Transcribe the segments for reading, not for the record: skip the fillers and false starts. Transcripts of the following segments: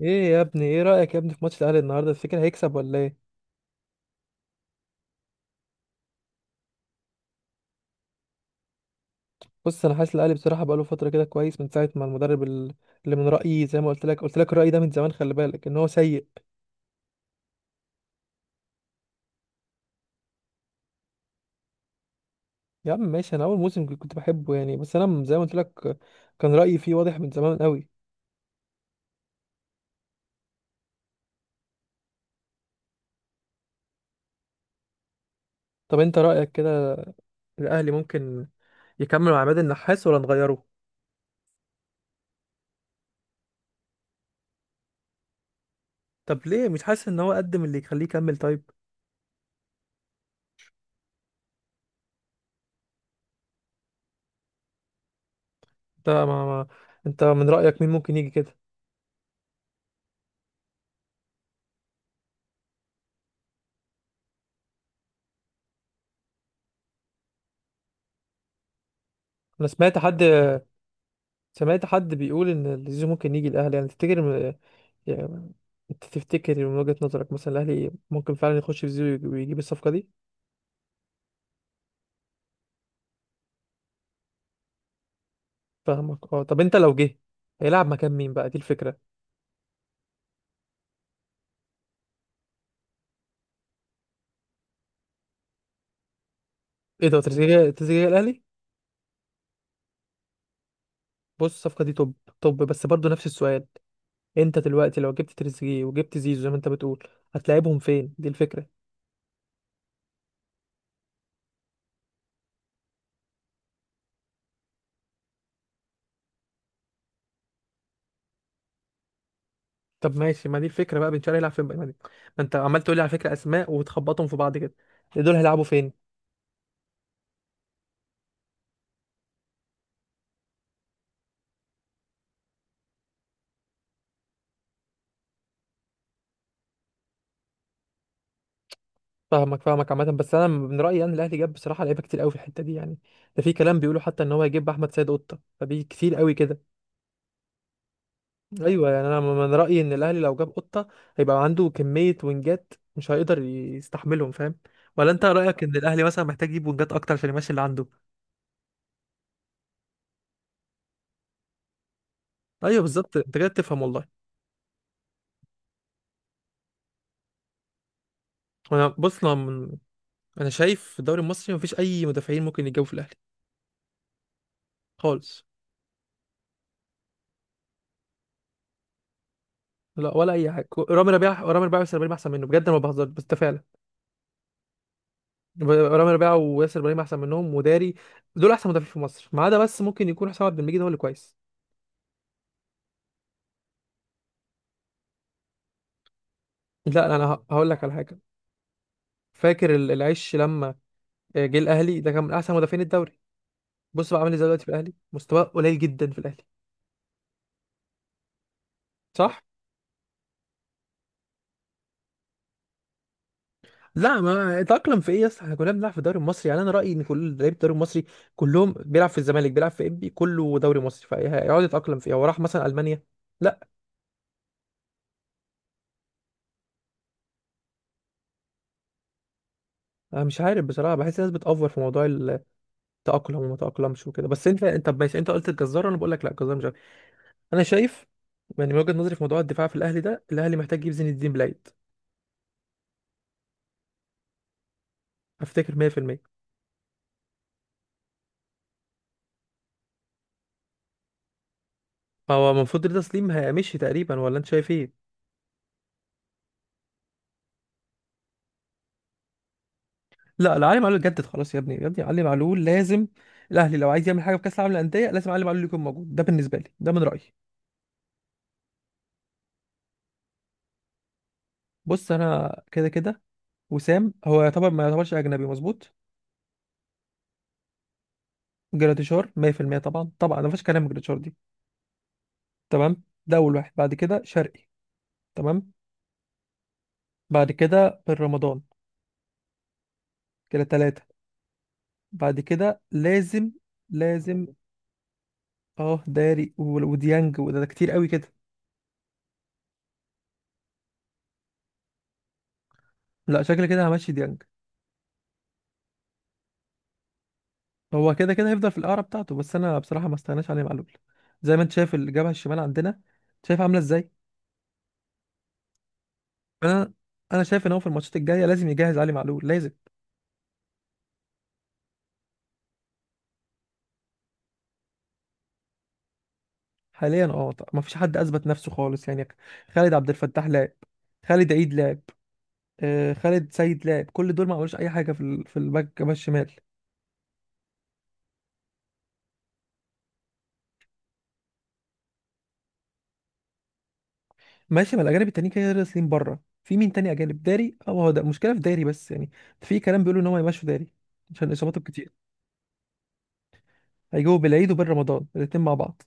ايه يا ابني، ايه رأيك يا ابني في ماتش الاهلي النهارده؟ تفتكر هيكسب ولا ايه؟ بص، انا حاسس الاهلي بصراحة بقاله فترة كده كويس من ساعة ما المدرب اللي من رأيي زي ما قلت لك الرأي ده من زمان. خلي بالك ان هو سيء. يا عم ماشي، انا اول موسم كنت بحبه يعني، بس انا زي ما قلت لك كان رأيي فيه واضح من زمان قوي. طب انت رأيك كده الاهلي ممكن يكمل مع عماد النحاس ولا نغيره؟ طب ليه مش حاسس ان هو قدم اللي يخليه يكمل طيب؟ انت ما, ما انت من رأيك مين ممكن يجي كده؟ انا سمعت حد بيقول ان زيزو ممكن يجي الاهلي، يعني تفتكر؟ يعني انت تفتكر من وجهة نظرك مثلا الاهلي ممكن فعلا يخش في زيرو ويجيب الصفقة دي؟ فاهمك اه. طب انت لو جه هيلعب مكان مين بقى؟ دي الفكرة. ايه ده؟ تريزيجيه؟ تريزيجيه الاهلي؟ بص الصفقة دي توب توب، بس برضو نفس السؤال. انت دلوقتي لو جبت تريزيجيه وجبت زيزو زي ما انت بتقول، هتلاعبهم فين؟ دي الفكرة. طب ماشي، ما دي الفكرة بقى، بن شرقي هيلعب فين بقى؟ ما انت عمال تقول لي على فكرة اسماء وتخبطهم في بعض كده، دول هيلعبوا فين؟ فاهمك فاهمك. عامة بس أنا من رأيي أن الأهلي جاب بصراحة لعيبة كتير قوي في الحتة دي يعني. ده في كلام بيقولوا حتى إن هو هيجيب أحمد سيد قطة، فدي كتير قوي كده. أيوه، يعني أنا من رأيي إن الأهلي لو جاب قطة هيبقى عنده كمية وينجات مش هيقدر يستحملهم، فاهم؟ ولا أنت رأيك إن الأهلي مثلا محتاج يجيب وينجات أكتر عشان يمشي اللي عنده؟ أيوه بالظبط، أنت كده بتفهم والله. أنا بص، أنا شايف في الدوري المصري مفيش أي مدافعين ممكن يتجابوا في الأهلي. خالص. لا، ولا أي حاجة. رامي ربيعة، رامي ربيعة بس أحسن منه بجد، أنا ما بهزرش، بس ده فعلا. رامي ربيعه وياسر ابراهيم احسن منهم وداري، دول احسن مدافعين في مصر، ما عدا بس ممكن يكون حسام عبد المجيد هو اللي كويس. لا انا هقول لك على حاجه. فاكر العش لما جه الاهلي ده كان من احسن مدافعين الدوري. بص بقى عامل ازاي دلوقتي في الاهلي، مستواه قليل جدا في الاهلي. صح. لا، ما اتأقلم في ايه يا اسطى، احنا كلنا بنلعب في الدوري المصري، يعني انا رأيي ان كل لعيبه الدوري المصري كلهم بيلعب في الزمالك، بيلعب في انبي، كله دوري مصري، فهيقعد يتأقلم في ايه؟ هو راح مثلا المانيا؟ لا. انا مش عارف بصراحه، بحس الناس بتأفور في موضوع تأقلم وما تأقلمش وكده، بس انت طب ماشي، انت قلت الجزار وانا بقول لك لا، الجزار مش عارف. انا شايف، يعني من وجهة نظري في موضوع الدفاع في الاهلي ده الاهلي محتاج يجيب زين الدين بلايد. افتكر 100%. هو المفروض رضا سليم هيمشي تقريبا ولا انت شايف ايه؟ لا لا، علي معلول جدد خلاص يا ابني يا ابني، علي معلول لازم. الاهلي لو عايز يعمل حاجه في كاس العالم للانديه لازم علي معلول يكون موجود، ده بالنسبه لي، ده من رايي. بص، انا كده كده وسام هو يعتبر ما يعتبرش اجنبي مظبوط. جراتيشار 100%، طبعا طبعا، ما فيش كلام، جراتيشار دي. تمام، ده اول واحد. بعد كده شرقي، تمام. بعد كده بالرمضان، كده ثلاثة. بعد كده لازم. لازم. اه داري وديانج، وده كتير قوي كده. لا، شكل كده همشي ديانج. هو كده كده هيفضل في القارة بتاعته، بس انا بصراحة ما استغناش عليه معلول، زي ما انت شايف الجبهة الشمال عندنا، شايف عاملة ازاي. انا انا شايف ان هو في الماتشات الجاية لازم يجهز علي معلول، لازم. حاليا اه، طب ما فيش حد اثبت نفسه خالص يعني. خالد عبد الفتاح لعب، خالد عيد لعب، خالد سيد لعب، كل دول ما عملوش اي حاجة في الباك الشمال. ماشي، ما الاجانب التانيين كده كده راسلين بره، في مين تاني اجانب؟ داري، اه، هو ده المشكله في داري بس يعني، في كلام بيقولوا ان هو يمشوا داري عشان اصاباته كتير. هيجوا بالعيد وبين رمضان الاتنين مع بعض.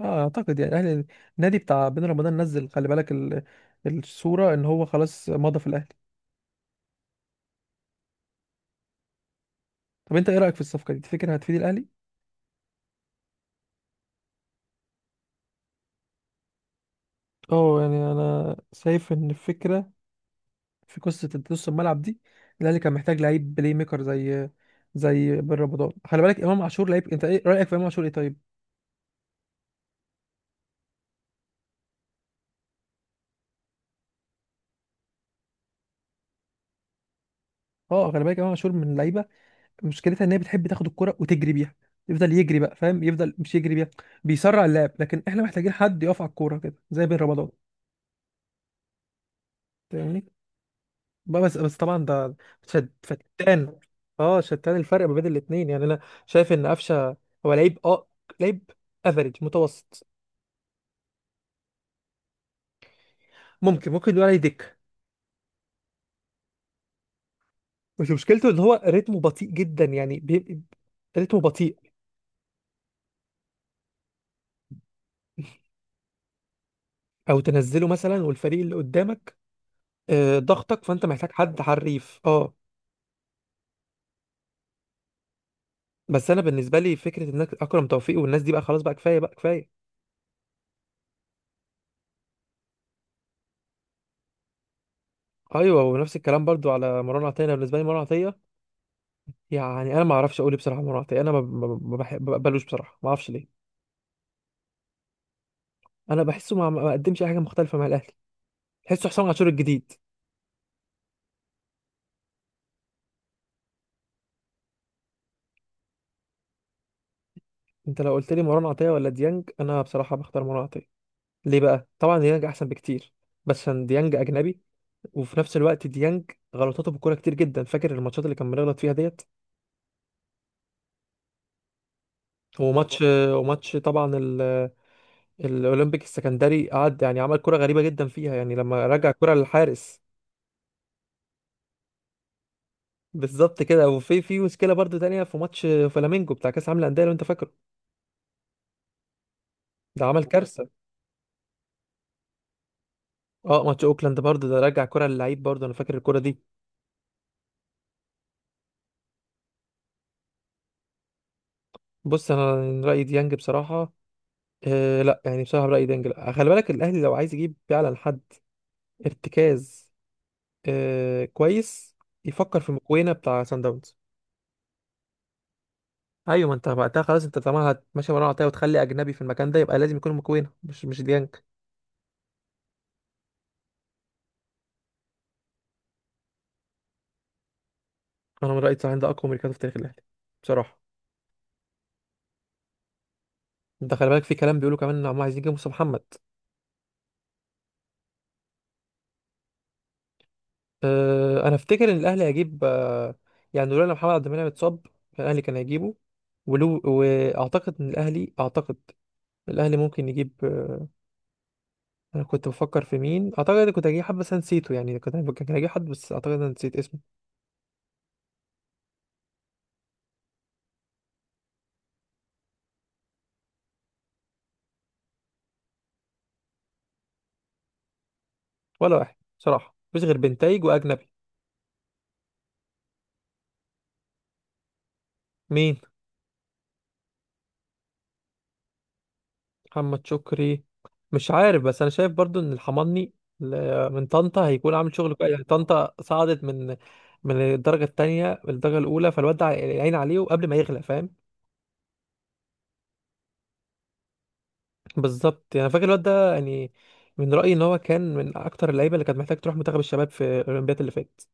اه اعتقد يعني اهل النادي بتاع بين رمضان نزل، خلي بالك الصوره ان هو خلاص مضى في الاهلي. طب انت ايه رايك في الصفقه دي؟ تفتكر هتفيد الاهلي؟ اه يعني انا شايف ان الفكره في قصه نص الملعب دي، الاهلي كان محتاج لعيب بلاي ميكر، زي بن رمضان. خلي بالك امام عاشور لعيب، انت ايه رايك في امام عاشور، ايه طيب؟ اه، خلي بالك امام عاشور من اللعيبه، مشكلتها ان هي بتحب تاخد الكرة وتجري بيها، يفضل يجري بقى، فاهم؟ يفضل مش يجري بيها، بيسرع اللعب، لكن احنا محتاجين حد يقف على الكوره كده زي بين رمضان، فاهمني؟ بقى بس طبعا ده شد فتان. اه شتان الفرق ما بين الاثنين، يعني انا شايف ان قفشه هو لعيب افريج متوسط. ممكن نقول عليه دك. بس مشكلته ان هو رتمه بطيء جدا، يعني رتمه بطيء. او تنزله مثلا والفريق اللي قدامك ضغطك، فانت محتاج حد حريف اه. بس انا بالنسبه لي فكره انك اكرم توفيق والناس دي بقى خلاص، بقى كفايه بقى كفايه. ايوه، ونفس الكلام برضو على مروان عطيه. أنا بالنسبه لي مروان عطيه، يعني انا ما اعرفش اقول إيه بصراحه. مروان عطيه، انا ما بقبلوش بصراحه، ما اعرفش ليه. انا بحسه ما قدمش اي حاجه مختلفه مع الاهلي، بحسه حسام عاشور الجديد. انت لو قلت لي مروان عطيه ولا ديانج، انا بصراحه بختار مروان عطيه. ليه بقى؟ طبعا ديانج احسن بكتير، بس عشان ديانج اجنبي، وفي نفس الوقت ديانج غلطاته في الكوره كتير جدا، فاكر الماتشات اللي كان بيغلط فيها ديت؟ وماتش وماتش طبعا الاولمبيك السكندري قعد، يعني عمل كرة غريبة جدا فيها، يعني لما رجع الكرة للحارس. بالظبط كده، وفي مشكلة برضو تانية في ماتش فلامينجو بتاع كأس العالم للأندية لو انت فاكره. ده عمل كارثة. اه، ماتش اوكلاند برضو، ده رجع كرة للعيب برضو، انا فاكر الكرة دي. بص انا رأيي ديانج بصراحة، لا يعني بصراحة رأيي ديانج لا، خلي بالك الاهلي لو عايز يجيب فعلا حد ارتكاز كويس، يفكر في مكوينة بتاع سان داونز. ايوه، ما انت وقتها خلاص، انت طالما هتمشي مروان عطيه وتخلي اجنبي في المكان ده يبقى لازم يكون مكوينة مش ديانج. انا من رايي التسعين ده اقوى ميركاتو في تاريخ الاهلي بصراحه. انت خلي بالك، في كلام بيقولوا كمان ان هم عايزين يجيبوا مصطفى محمد. أه انا افتكر ان الاهلي هيجيب أه، يعني لولا ان محمد عبد المنعم اتصاب كان الاهلي كان هيجيبه، ولو واعتقد ان الاهلي اعتقد الاهلي ممكن يجيب أه. انا كنت بفكر في مين، اعتقد إن كنت هجيب حد بس أنا نسيته، يعني كان هجيب حد بس اعتقد إن انا نسيت اسمه. ولا واحد بصراحه، مفيش غير بنتايج واجنبي. مين؟ محمد شكري؟ مش عارف، بس انا شايف برضو ان الحماني من طنطا هيكون عامل شغل كويس، يعني طنطا صعدت من الدرجه الثانيه للدرجه الاولى، فالواد ده عين عليه وقبل ما يغلى، فاهم؟ بالظبط، يعني فاكر الواد ده يعني، من رايي ان هو كان من اكتر اللعيبه اللي كانت محتاج تروح منتخب الشباب في الاولمبياد اللي فاتت.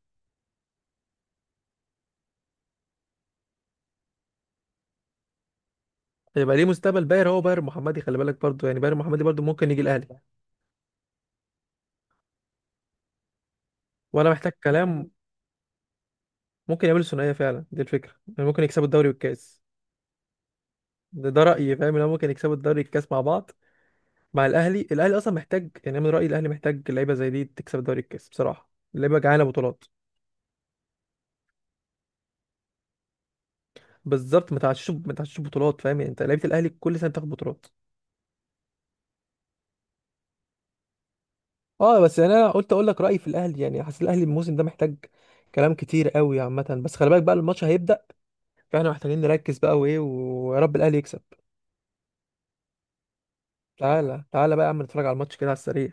هيبقى ليه مستقبل باهر. هو باهر محمدي، خلي بالك برضو، يعني باهر محمدي برضو ممكن يجي الاهلي. ولا محتاج كلام. ممكن يعملوا ثنائيه فعلا، دي الفكره، يعني ممكن يكسبوا الدوري والكاس. ده رايي، فاهم ان هو ممكن يكسبوا الدوري والكاس مع بعض. مع الاهلي. الاهلي اصلا محتاج، يعني أنا من رايي الاهلي محتاج لعيبه زي دي تكسب دوري الكاس، بصراحه لعيبه جعانه بطولات. بالظبط، ما تعشش ما تعشش بطولات، فاهم؟ يعني انت لعيبه الاهلي كل سنه بتاخد بطولات. اه بس يعني انا قلت اقول لك رايي في الاهلي، يعني حاسس الاهلي الموسم ده محتاج كلام كتير قوي عامه، بس خلي بالك بقى الماتش هيبدا، فاحنا محتاجين نركز بقى وايه، ويا رب الاهلي يكسب. تعالى تعالى بقى يا عم نتفرج على الماتش كده على السريع.